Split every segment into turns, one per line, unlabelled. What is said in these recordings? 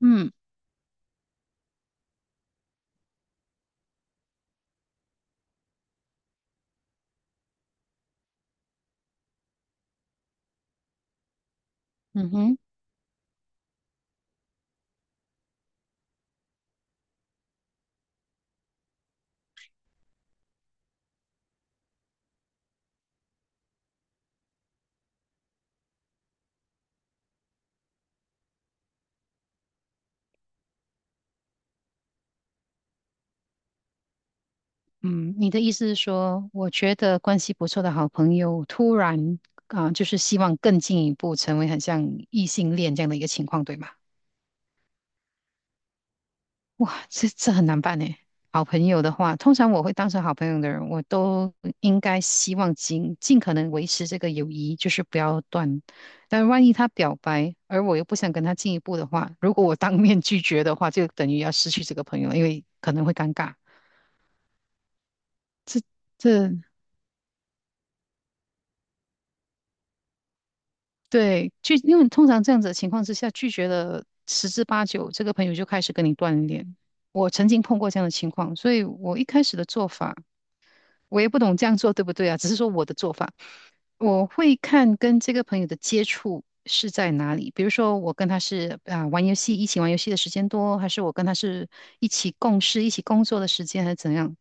嗯嗯哼。嗯，你的意思是说，我觉得关系不错的好朋友，突然就是希望更进一步成为很像异性恋这样的一个情况，对吗？哇，这很难办呢。好朋友的话，通常我会当成好朋友的人，我都应该希望尽可能维持这个友谊，就是不要断。但万一他表白，而我又不想跟他进一步的话，如果我当面拒绝的话，就等于要失去这个朋友了因为可能会尴尬。这对，因为通常这样子的情况之下，拒绝了十之八九，这个朋友就开始跟你断联。我曾经碰过这样的情况，所以我一开始的做法，我也不懂这样做对不对啊，只是说我的做法。我会看跟这个朋友的接触是在哪里，比如说我跟他是玩游戏，一起玩游戏的时间多，还是我跟他是一起共事、一起工作的时间，还是怎样？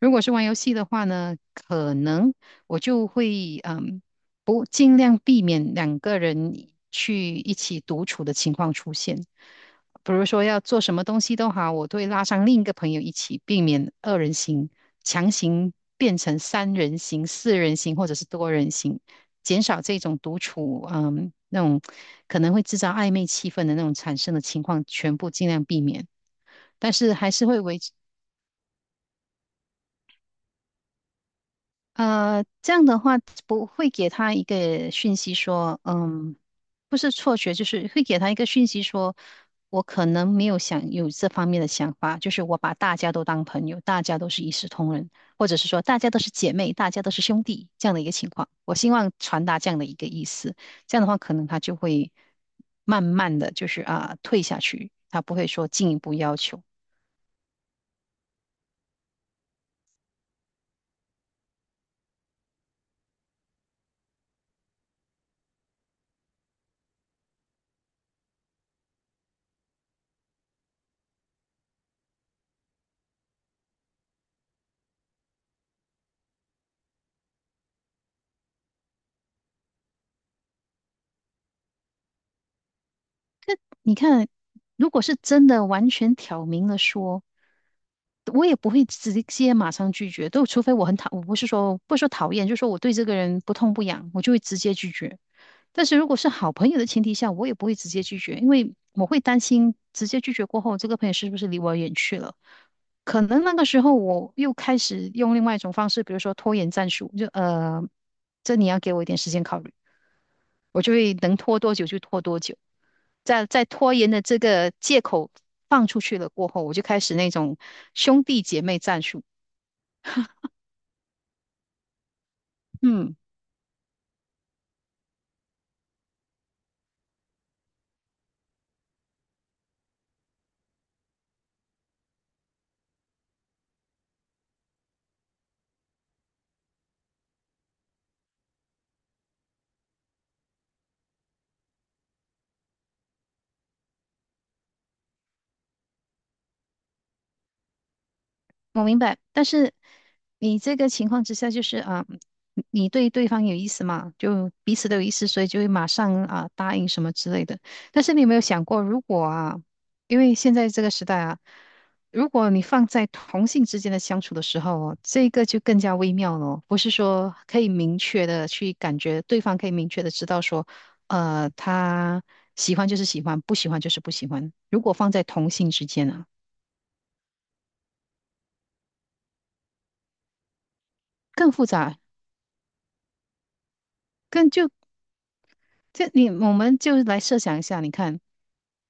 如果是玩游戏的话呢，可能我就会不尽量避免两个人去一起独处的情况出现。比如说要做什么东西都好，我都会拉上另一个朋友一起，避免二人行，强行变成三人行、四人行或者是多人行。减少这种独处，那种可能会制造暧昧气氛的那种产生的情况，全部尽量避免。但是还是会维呃，这样的话不会给他一个讯息说，不是错觉，就是会给他一个讯息说，我可能没有想有这方面的想法，就是我把大家都当朋友，大家都是一视同仁，或者是说大家都是姐妹，大家都是兄弟这样的一个情况。我希望传达这样的一个意思，这样的话可能他就会慢慢的就是退下去，他不会说进一步要求。你看，如果是真的完全挑明了说，我也不会直接马上拒绝，都除非我很讨，我不是说讨厌，就是说我对这个人不痛不痒，我就会直接拒绝。但是如果是好朋友的前提下，我也不会直接拒绝，因为我会担心直接拒绝过后，这个朋友是不是离我远去了？可能那个时候我又开始用另外一种方式，比如说拖延战术，这你要给我一点时间考虑，我就会能拖多久就拖多久。在拖延的这个借口放出去了过后，我就开始那种兄弟姐妹战术。嗯。我明白，但是你这个情况之下，就是啊，你对对方有意思嘛，就彼此都有意思，所以就会马上答应什么之类的。但是你有没有想过，如果啊，因为现在这个时代啊，如果你放在同性之间的相处的时候哦，这个就更加微妙了哦不是说可以明确的去感觉对方可以明确的知道说，他喜欢就是喜欢，不喜欢就是不喜欢。如果放在同性之间啊，更复杂。更就就你，我们就来设想一下，你看，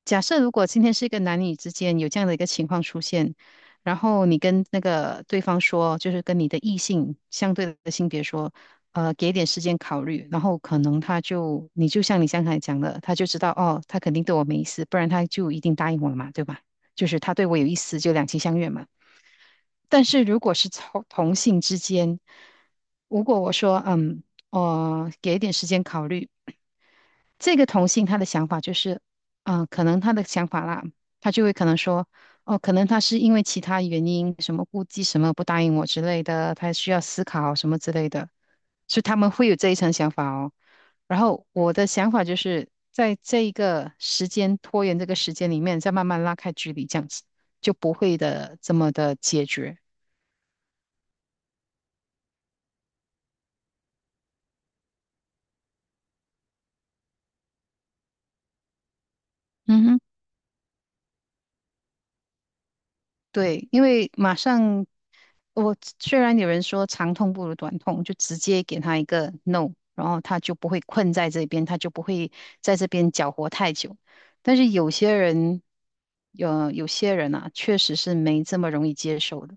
假设如果今天是一个男女之间有这样的一个情况出现，然后你跟那个对方说，就是跟你的异性相对的性别说，给点时间考虑，然后可能他就，你就像你刚才讲的，他就知道哦，他肯定对我没意思，不然他就一定答应我了嘛，对吧？就是他对我有意思，就两情相悦嘛。但是如果是同性之间，如果我说，嗯，给一点时间考虑。这个同性他的想法就是，嗯，可能他的想法啦，他就会可能说，哦，可能他是因为其他原因，什么顾忌什么不答应我之类的，他需要思考什么之类的，所以他们会有这一层想法哦。然后我的想法就是在这一个时间拖延这个时间里面，再慢慢拉开距离，这样子就不会的这么的解决。嗯哼。对，因为马上我虽然有人说长痛不如短痛，就直接给他一个 no，然后他就不会困在这边，他就不会在这边搅和太久。但是有些人，有些人啊，确实是没这么容易接受的。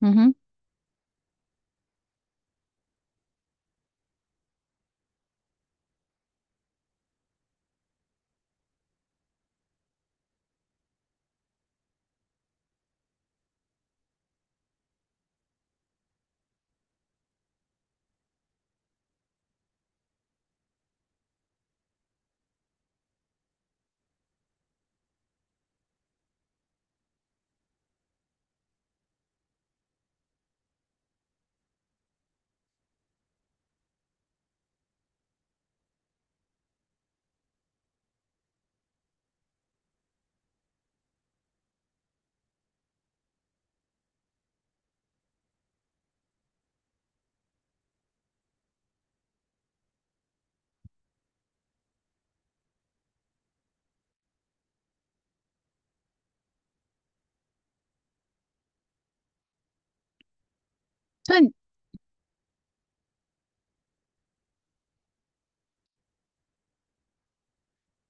嗯哼，所以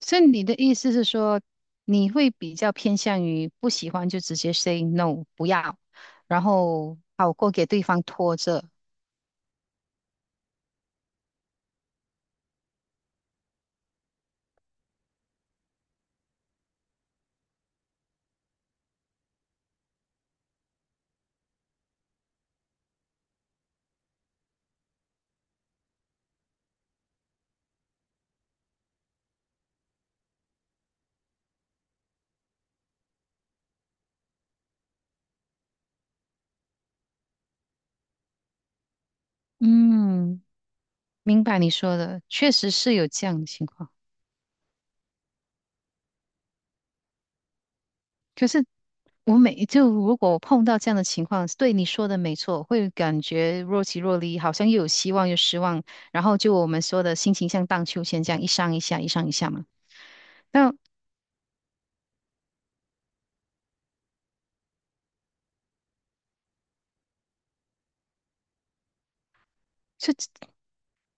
所以你的意思是说，你会比较偏向于不喜欢就直接 say no，不要，然后好过给对方拖着。嗯。明白你说的，确实是有这样的情况。可是我每就如果我碰到这样的情况，对你说的没错，会感觉若即若离，好像又有希望又失望，然后就我们说的心情像荡秋千这样一上一下，一上一下嘛。那这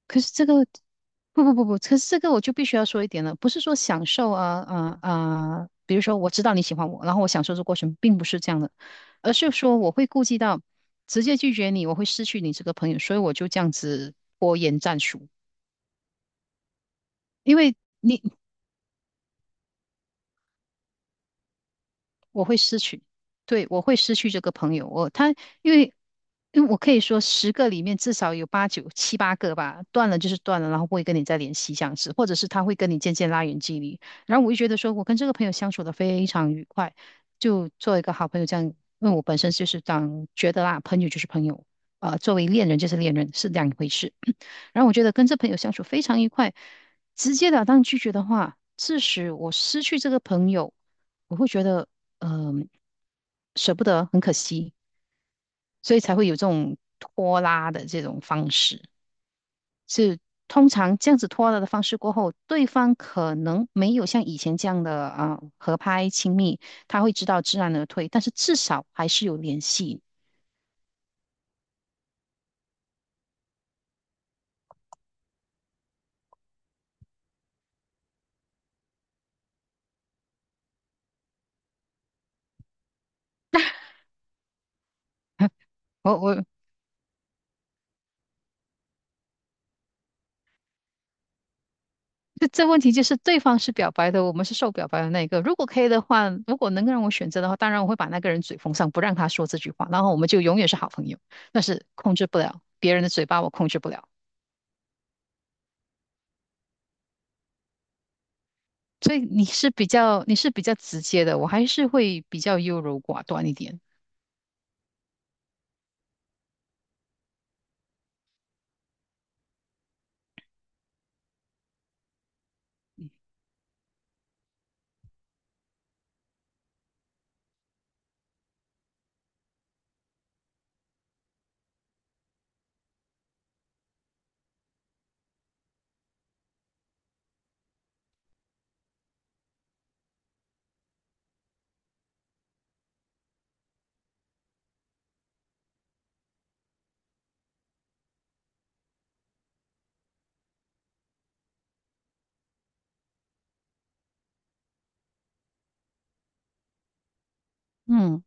可是这个不不不不，可是这个我就必须要说一点了，不是说享受，比如说我知道你喜欢我，然后我享受这过程，并不是这样的，而是说我会顾及到直接拒绝你，我会失去你这个朋友，所以我就这样子拖延战术，因为。你。我会失去，对，我会失去这个朋友。我他因为因为我可以说十个里面至少有八九七八个吧，断了就是断了，然后不会跟你再联系这样子，或者是他会跟你渐渐拉远距离。然后我就觉得说我跟这个朋友相处的非常愉快，就做一个好朋友这样。因为我本身就是当觉得啦，朋友就是朋友，作为恋人就是恋人是两回事。然后我觉得跟这朋友相处非常愉快，直截了当拒绝的话，致使我失去这个朋友，我会觉得嗯、舍不得，很可惜，所以才会有这种拖拉的这种方式。是通常这样子拖拉的方式过后，对方可能没有像以前这样的合拍亲密，他会知道知难而退，但是至少还是有联系。我我。这问题就是对方是表白的，我们是受表白的那一个。如果可以的话，如果能够让我选择的话，当然我会把那个人嘴封上，不让他说这句话，然后我们就永远是好朋友。但是控制不了别人的嘴巴，我控制不了。所以你是比较直接的，我还是会比较优柔寡断一点。嗯，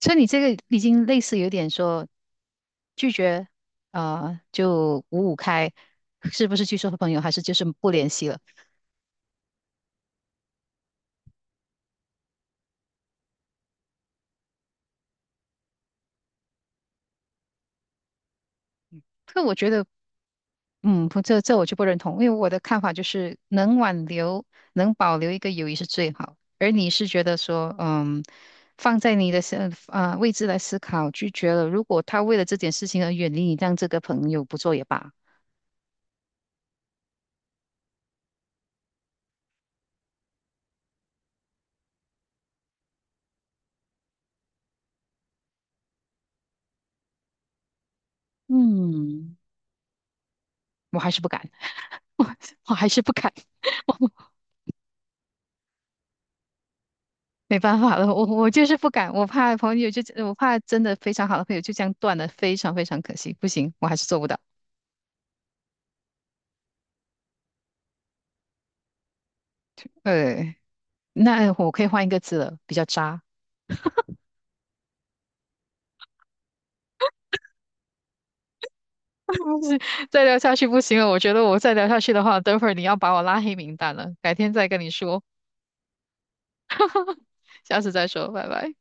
所以你这个已经类似有点说拒绝，就五五开，是不是拒收朋友，还是就是不联系了？可我觉得嗯，不，这我就不认同，因为我的看法就是能挽留、能保留一个友谊是最好。而你是觉得说，嗯，放在你的位置来思考，拒绝了，如果他为了这件事情而远离你，让这个朋友不做也罢。嗯，我还是不敢，我我还是不敢，我没办法了，我就是不敢，我怕朋友就我怕真的非常好的朋友就这样断了，非常非常可惜，不行，我还是做不到。呃，那我可以换一个字了，比较渣。不行，再聊下去不行了，我觉得我再聊下去的话，等会儿你要把我拉黑名单了。改天再跟你说，下次再说，拜拜。